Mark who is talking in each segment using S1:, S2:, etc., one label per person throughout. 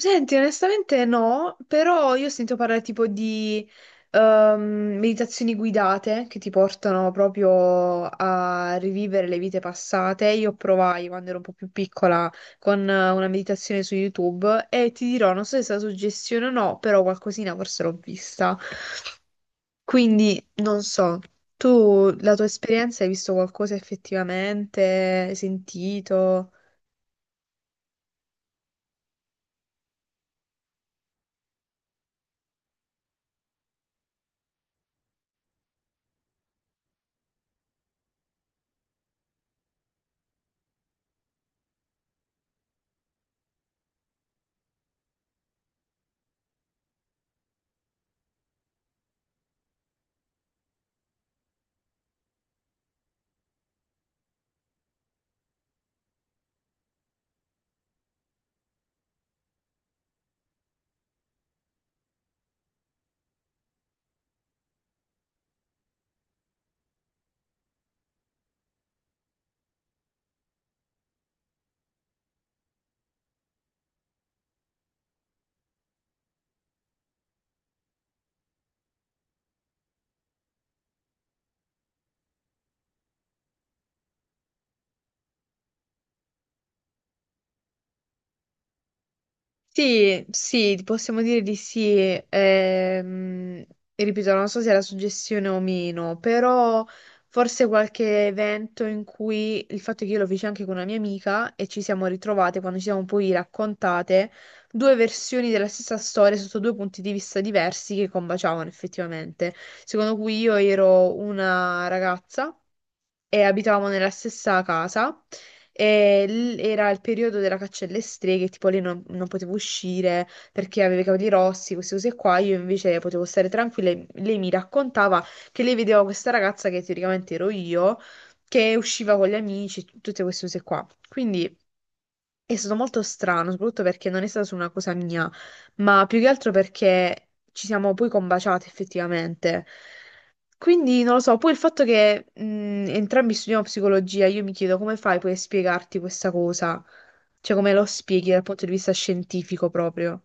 S1: Senti, onestamente no, però io ho sentito parlare tipo di meditazioni guidate che ti portano proprio a rivivere le vite passate. Io provai quando ero un po' più piccola con una meditazione su YouTube e ti dirò, non so se è stata suggestione o no, però qualcosina forse l'ho vista. Quindi non so, tu la tua esperienza hai visto qualcosa effettivamente, hai sentito? Sì, sì, possiamo dire di sì. ehm, Ripeto, non so se è la suggestione o meno, però forse qualche evento in cui il fatto è che io lo feci anche con una mia amica e ci siamo ritrovate quando ci siamo poi raccontate due versioni della stessa storia sotto due punti di vista diversi che combaciavano effettivamente. Secondo cui io ero una ragazza e abitavamo nella stessa casa e era il periodo della caccia alle streghe, tipo lei non poteva uscire perché aveva i capelli rossi, queste cose qua, io invece potevo stare tranquilla e lei mi raccontava che lei vedeva questa ragazza che teoricamente ero io, che usciva con gli amici, tutte queste cose qua. Quindi è stato molto strano, soprattutto perché non è stata su una cosa mia, ma più che altro perché ci siamo poi combaciati effettivamente. Quindi non lo so, poi il fatto che entrambi studiamo psicologia, io mi chiedo come fai poi a spiegarti questa cosa? Cioè come lo spieghi dal punto di vista scientifico proprio?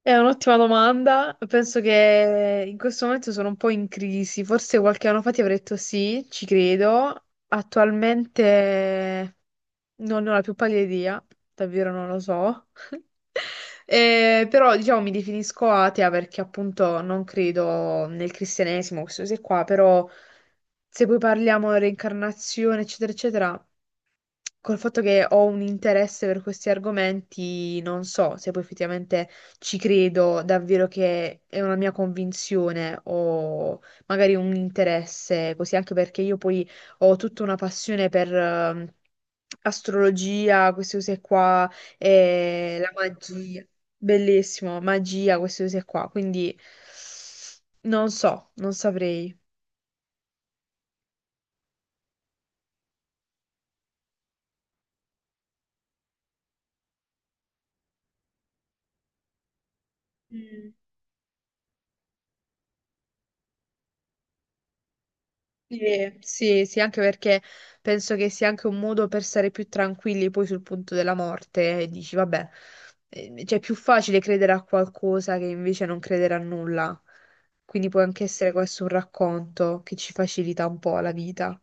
S1: È un'ottima domanda, penso che in questo momento sono un po' in crisi, forse qualche anno fa ti avrei detto sì, ci credo, attualmente... Non ne ho la più pallida idea, davvero non lo so. Però diciamo mi definisco atea perché appunto non credo nel cristianesimo, queste cose qua, però se poi parliamo di reincarnazione, eccetera, eccetera, col fatto che ho un interesse per questi argomenti, non so se poi effettivamente ci credo davvero che è una mia convinzione o magari un interesse, così anche perché io poi ho tutta una passione per astrologia, queste cose qua, e la magia. Bellissimo, magia, queste cose qua. Quindi non so, non saprei. Mm. Sì, sì, sì, anche perché penso che sia anche un modo per stare più tranquilli poi sul punto della morte e dici, vabbè, cioè è più facile credere a qualcosa che invece non credere a nulla. Quindi può anche essere questo un racconto che ci facilita un po' la vita.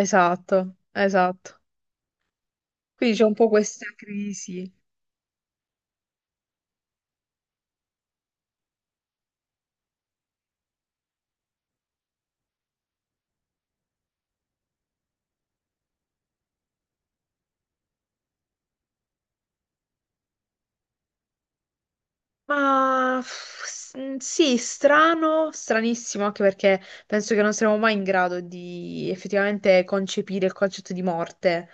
S1: Esatto, esatto. Quindi c'è un po' questa crisi. Ma pff, sì, strano, stranissimo, anche perché penso che non saremo mai in grado di effettivamente concepire il concetto di morte.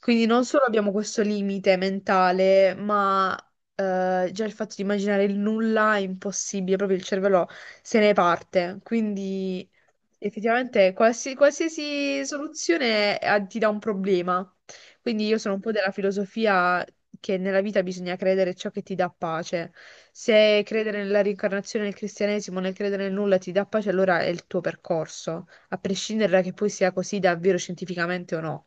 S1: Quindi non solo abbiamo questo limite mentale, ma già il fatto di immaginare il nulla è impossibile, proprio il cervello se ne parte. Quindi effettivamente qualsiasi soluzione ti dà un problema. Quindi io sono un po' della filosofia che nella vita bisogna credere ciò che ti dà pace. Se credere nella reincarnazione nel cristianesimo, nel credere nel nulla ti dà pace, allora è il tuo percorso, a prescindere da che poi sia così davvero scientificamente o no.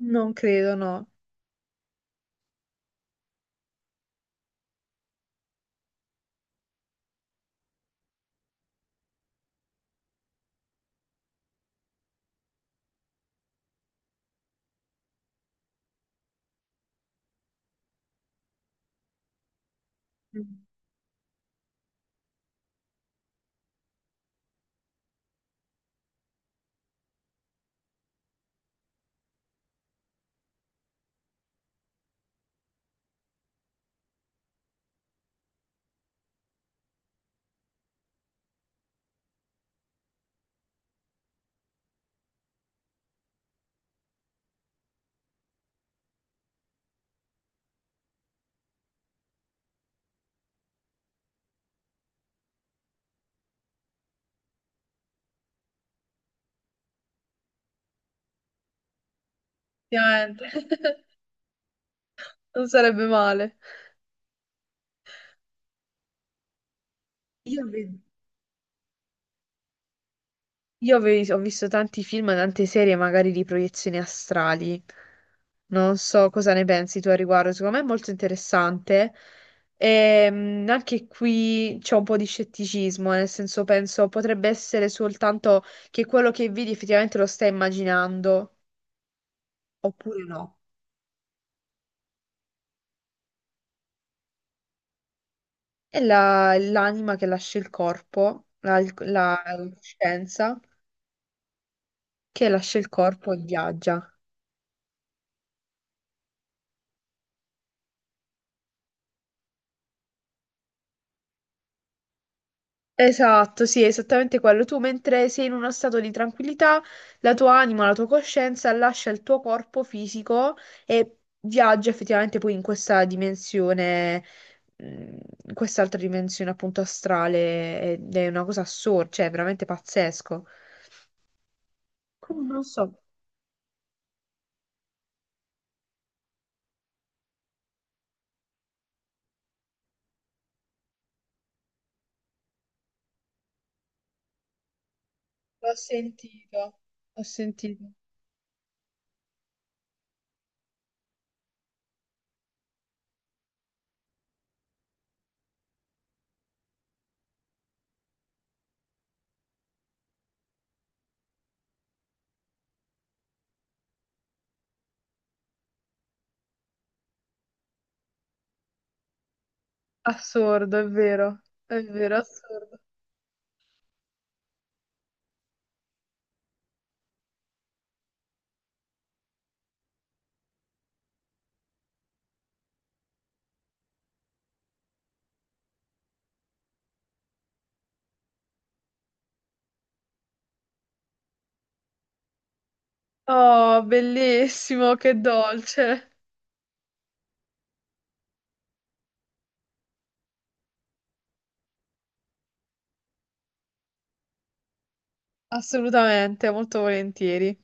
S1: Non credo, no. Mm. Ovviamente. Non sarebbe male. Io vedo. Ho visto tanti film, tante serie magari di proiezioni astrali. Non so cosa ne pensi tu a riguardo, secondo me è molto interessante. Anche qui c'è un po' di scetticismo, nel senso penso potrebbe essere soltanto che quello che vedi effettivamente lo stai immaginando oppure no. L'anima che lascia il corpo, la coscienza che lascia il corpo e viaggia. Esatto, sì, è esattamente quello. Tu mentre sei in uno stato di tranquillità, la tua anima, la tua coscienza lascia il tuo corpo fisico e viaggia effettivamente poi in questa dimensione, mh, in quest'altra dimensione appunto astrale ed è una cosa assurda, cioè è veramente pazzesco. Come non so, l'ho sentito, l'ho sentito. Assurdo, è vero, assurdo. Oh, bellissimo, che dolce. Assolutamente, molto volentieri.